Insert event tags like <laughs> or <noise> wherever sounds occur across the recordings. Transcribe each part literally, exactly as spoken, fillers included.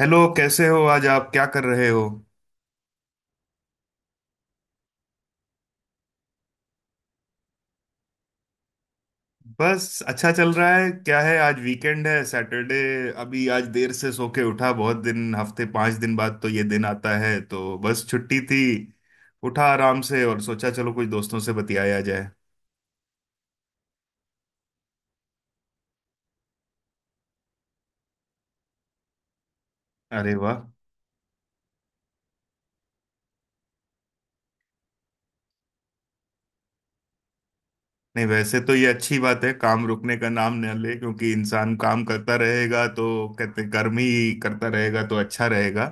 Hello, कैसे हो? आज आप क्या कर रहे हो? बस अच्छा चल रहा है। क्या है, आज वीकेंड है, सैटरडे। अभी आज देर से सो के उठा। बहुत दिन, हफ्ते पांच दिन बाद तो ये दिन आता है, तो बस छुट्टी थी। उठा आराम से और सोचा चलो कुछ दोस्तों से बतियाया जाए। अरे वाह! नहीं, वैसे तो ये अच्छी बात है, काम रुकने का नाम न ले, क्योंकि इंसान काम करता रहेगा तो कहते कर्म ही करता रहेगा तो अच्छा रहेगा।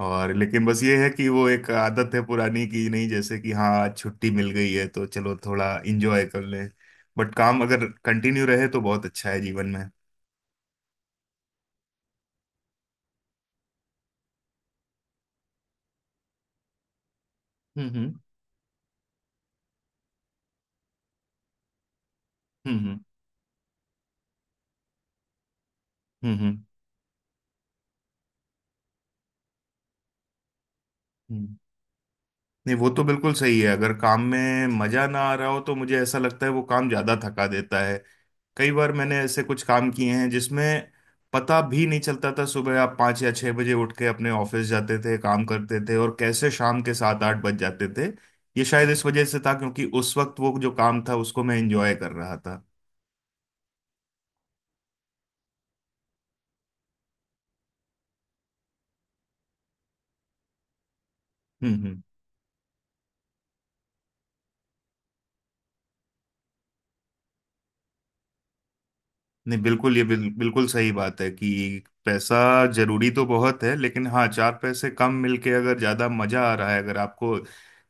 और लेकिन बस ये है कि वो एक आदत है पुरानी की, नहीं जैसे कि हाँ, आज छुट्टी मिल गई है तो चलो थोड़ा इंजॉय कर लें। बट काम अगर कंटिन्यू रहे तो बहुत अच्छा है जीवन में। हम्म, हम्म, हम्म, हम्म, हम्म, हम्म। नहीं, वो तो बिल्कुल सही है। अगर काम में मजा ना आ रहा हो तो मुझे ऐसा लगता है वो काम ज्यादा थका देता है। कई बार मैंने ऐसे कुछ काम किए हैं जिसमें पता भी नहीं चलता था। सुबह आप पाँच या छह बजे उठ के अपने ऑफिस जाते थे, काम करते थे, और कैसे शाम के सात आठ बज जाते थे। ये शायद इस वजह से था क्योंकि उस वक्त वो जो काम था उसको मैं एंजॉय कर रहा था। हम्म। नहीं बिल्कुल ये बिल, बिल्कुल सही बात है कि पैसा जरूरी तो बहुत है, लेकिन हाँ, चार पैसे कम मिलके अगर ज्यादा मजा आ रहा है, अगर आपको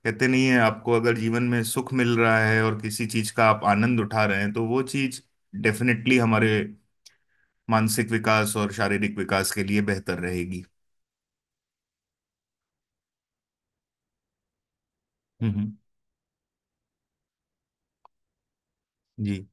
कहते नहीं है, आपको अगर जीवन में सुख मिल रहा है और किसी चीज का आप आनंद उठा रहे हैं तो वो चीज डेफिनेटली हमारे मानसिक विकास और शारीरिक विकास के लिए बेहतर रहेगी। हम्म, हम्म, जी,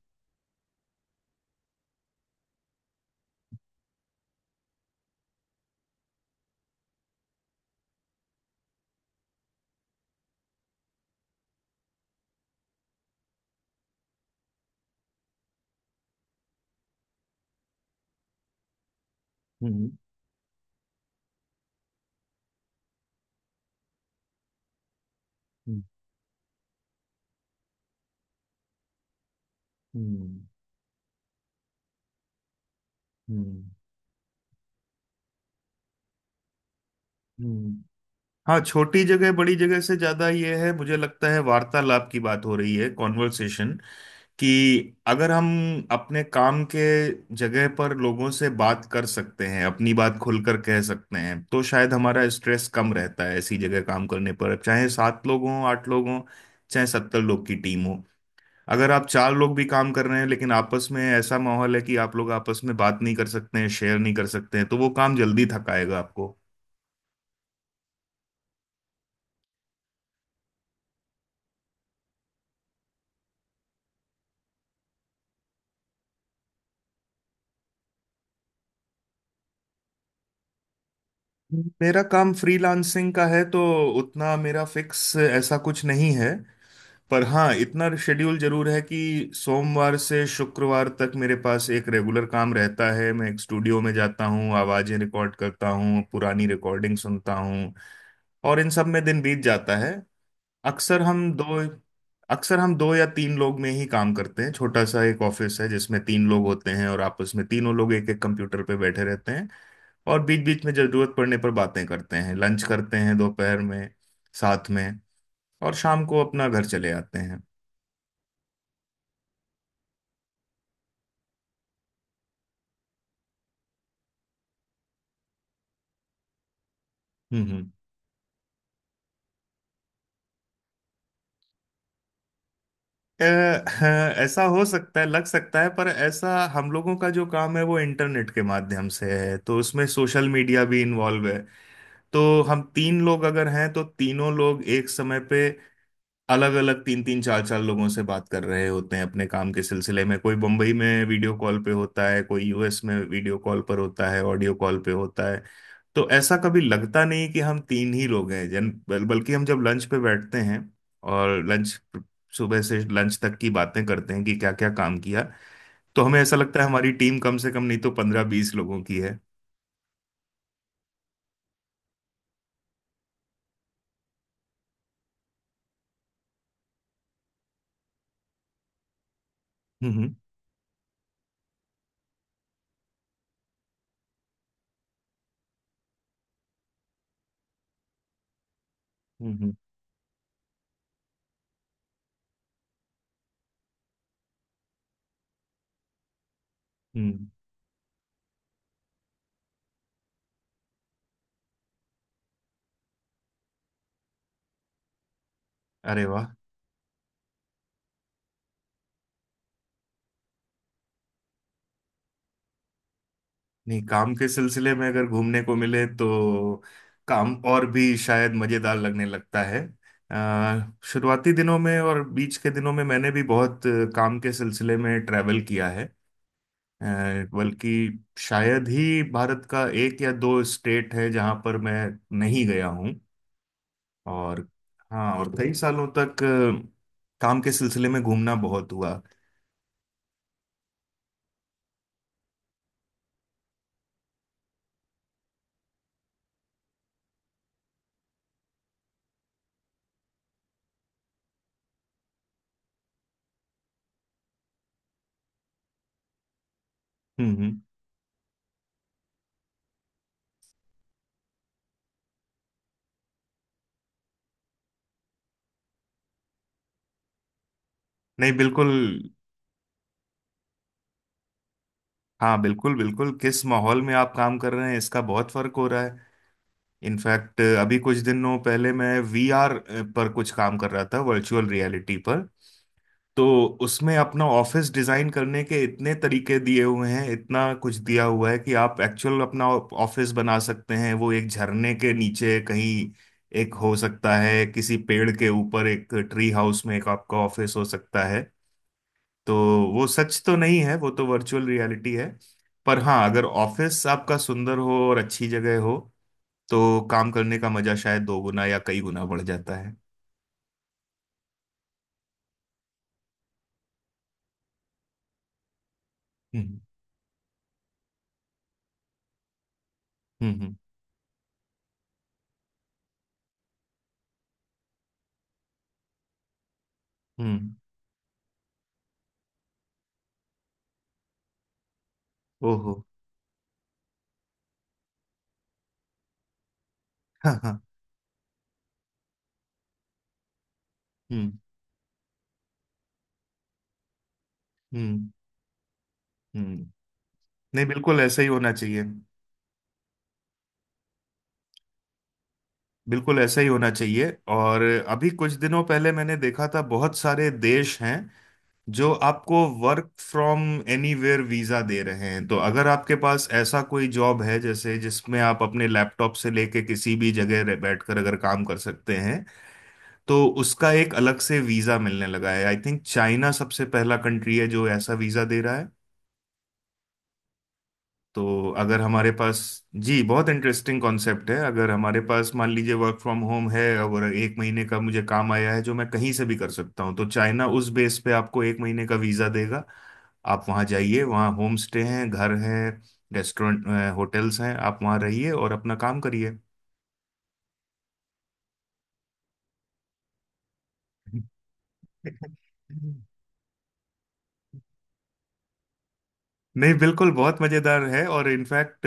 हम्म, हम्म, हम्म, हम्म, हम्म। हाँ, छोटी जगह बड़ी जगह से ज्यादा ये है, मुझे लगता है वार्तालाप की बात हो रही है, कॉन्वर्सेशन। कि अगर हम अपने काम के जगह पर लोगों से बात कर सकते हैं, अपनी बात खुलकर कह सकते हैं, तो शायद हमारा स्ट्रेस कम रहता है ऐसी जगह काम करने पर। चाहे सात लोग हों, आठ लोग हों, चाहे सत्तर लोग की टीम हो, अगर आप चार लोग भी काम कर रहे हैं लेकिन आपस में ऐसा माहौल है कि आप लोग आपस में बात नहीं कर सकते हैं, शेयर नहीं कर सकते हैं, तो वो काम जल्दी थकाएगा आपको। मेरा काम फ्रीलांसिंग का है तो उतना मेरा फिक्स ऐसा कुछ नहीं है। पर हाँ, इतना शेड्यूल जरूर है कि सोमवार से शुक्रवार तक मेरे पास एक रेगुलर काम रहता है। मैं एक स्टूडियो में जाता हूँ, आवाजें रिकॉर्ड करता हूँ, पुरानी रिकॉर्डिंग सुनता हूँ, और इन सब में दिन बीत जाता है। अक्सर हम दो अक्सर हम दो या तीन लोग में ही काम करते हैं। छोटा सा एक ऑफिस है जिसमें तीन लोग होते हैं, और आपस में तीनों लोग एक एक कंप्यूटर पे बैठे रहते हैं। और बीच बीच में जरूरत पड़ने पर बातें करते हैं, लंच करते हैं दोपहर में, साथ में। और शाम को अपना घर चले आते हैं। हम्म, हम्म। अ, <laughs> हाँ, ऐसा हो सकता है, लग सकता है, पर ऐसा हम लोगों का जो काम है वो इंटरनेट के माध्यम से है, तो उसमें सोशल मीडिया भी इन्वॉल्व है। तो हम तीन लोग अगर हैं तो तीनों लोग एक समय पे अलग अलग तीन तीन चार चार लोगों से बात कर रहे होते हैं अपने काम के सिलसिले में। कोई बम्बई में वीडियो कॉल पे होता है, कोई यूएस में वीडियो कॉल पर होता है, ऑडियो कॉल पे होता है। तो ऐसा कभी लगता नहीं कि हम तीन ही लोग हैं, जन बल, बल्कि हम जब लंच पे बैठते हैं और लंच सुबह से लंच तक की बातें करते हैं कि क्या क्या काम किया, तो हमें ऐसा लगता है हमारी टीम कम से कम नहीं तो पंद्रह बीस लोगों की है। हम्म, हम्म, हम्म, हम्म। अरे! नहीं, काम के सिलसिले में अगर घूमने को मिले तो काम और भी शायद मज़ेदार लगने लगता है। अ, शुरुआती दिनों में और बीच के दिनों में मैंने भी बहुत अ, काम के सिलसिले में ट्रैवल किया है। अ, बल्कि शायद ही भारत का एक या दो स्टेट है जहां पर मैं नहीं गया हूं। और हाँ, और कई सालों तक अ, काम के सिलसिले में घूमना बहुत हुआ। हम्म, हम्म। नहीं बिल्कुल। हाँ, बिल्कुल बिल्कुल, किस माहौल में आप काम कर रहे हैं इसका बहुत फर्क हो रहा है। इनफैक्ट अभी कुछ दिनों पहले मैं वीआर पर कुछ काम कर रहा था, वर्चुअल रियलिटी पर। तो उसमें अपना ऑफिस डिजाइन करने के इतने तरीके दिए हुए हैं, इतना कुछ दिया हुआ है कि आप एक्चुअल अपना ऑफिस बना सकते हैं। वो एक झरने के नीचे कहीं एक हो सकता है, किसी पेड़ के ऊपर एक ट्री हाउस में एक आपका ऑफिस हो सकता है। तो वो सच तो नहीं है, वो तो वर्चुअल रियलिटी है, पर हाँ, अगर ऑफिस आपका सुंदर हो और अच्छी जगह हो तो काम करने का मजा शायद दो गुना या कई गुना बढ़ जाता है। हम्म, हम्म, हम्म, हम्म, ओहो, हाँ हाँ, हम्म, हम्म, हम्म। नहीं, बिल्कुल ऐसा ही होना चाहिए। बिल्कुल ऐसा ही होना चाहिए। और अभी कुछ दिनों पहले मैंने देखा था बहुत सारे देश हैं जो आपको वर्क फ्रॉम एनीवेयर वीजा दे रहे हैं। तो अगर आपके पास ऐसा कोई जॉब है जैसे जिसमें आप अपने लैपटॉप से लेके किसी भी जगह रह- बैठकर अगर काम कर सकते हैं तो उसका एक अलग से वीजा मिलने लगा है। आई थिंक चाइना सबसे पहला कंट्री है जो ऐसा वीजा दे रहा है। तो अगर हमारे पास, जी, बहुत इंटरेस्टिंग कॉन्सेप्ट है। अगर हमारे पास मान लीजिए वर्क फ्रॉम होम है और एक महीने का मुझे काम आया है जो मैं कहीं से भी कर सकता हूँ, तो चाइना उस बेस पे आपको एक महीने का वीजा देगा। आप वहाँ जाइए, वहाँ होम स्टे हैं, घर हैं, रेस्टोरेंट, होटल्स हैं, आप वहाँ रहिए और अपना काम करिए। <laughs> नहीं, बिल्कुल बहुत मजेदार है। और इनफैक्ट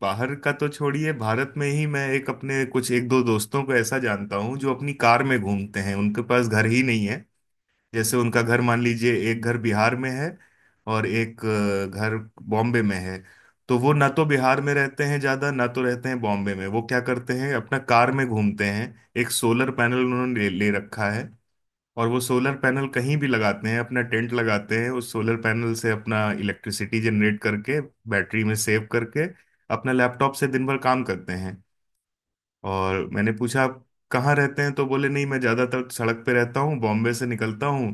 बाहर का तो छोड़िए, भारत में ही मैं एक अपने कुछ एक दो दोस्तों को ऐसा जानता हूँ जो अपनी कार में घूमते हैं, उनके पास घर ही नहीं है। जैसे उनका घर मान लीजिए एक घर बिहार में है, और एक अ, घर बॉम्बे में है। तो वो ना तो बिहार में रहते हैं ज्यादा, ना तो रहते हैं बॉम्बे में। वो क्या करते हैं, अपना कार में घूमते हैं। एक सोलर पैनल उन्होंने ले, ले रखा है, और वो सोलर पैनल कहीं भी लगाते हैं, अपना टेंट लगाते हैं, उस सोलर पैनल से अपना इलेक्ट्रिसिटी जनरेट करके बैटरी में सेव करके अपना लैपटॉप से दिन भर काम करते हैं। और मैंने पूछा आप कहाँ रहते हैं, तो बोले नहीं, मैं ज़्यादातर सड़क पे रहता हूँ, बॉम्बे से निकलता हूँ,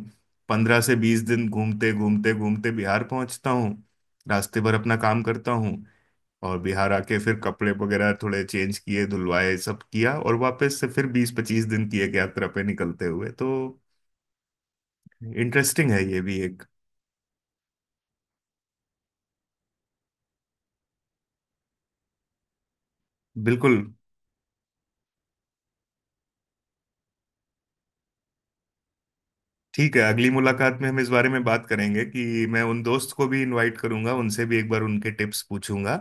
पंद्रह से बीस दिन घूमते घूमते घूमते बिहार पहुँचता हूँ, रास्ते भर अपना काम करता हूँ। और बिहार आके फिर कपड़े वगैरह थोड़े चेंज किए, धुलवाए, सब किया, और वापस से फिर बीस पच्चीस दिन की एक यात्रा पे निकलते हुए, तो इंटरेस्टिंग है ये भी एक। बिल्कुल, ठीक है, अगली मुलाकात में हम इस बारे में बात करेंगे कि मैं उन दोस्त को भी इनवाइट करूंगा, उनसे भी एक बार उनके टिप्स पूछूंगा,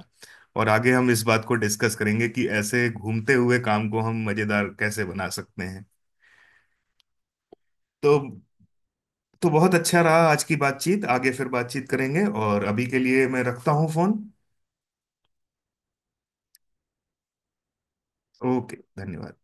और आगे हम इस बात को डिस्कस करेंगे कि ऐसे घूमते हुए काम को हम मजेदार कैसे बना सकते हैं। तो तो बहुत अच्छा रहा आज की बातचीत, आगे फिर बातचीत करेंगे और अभी के लिए मैं रखता हूँ फोन। ओके, धन्यवाद।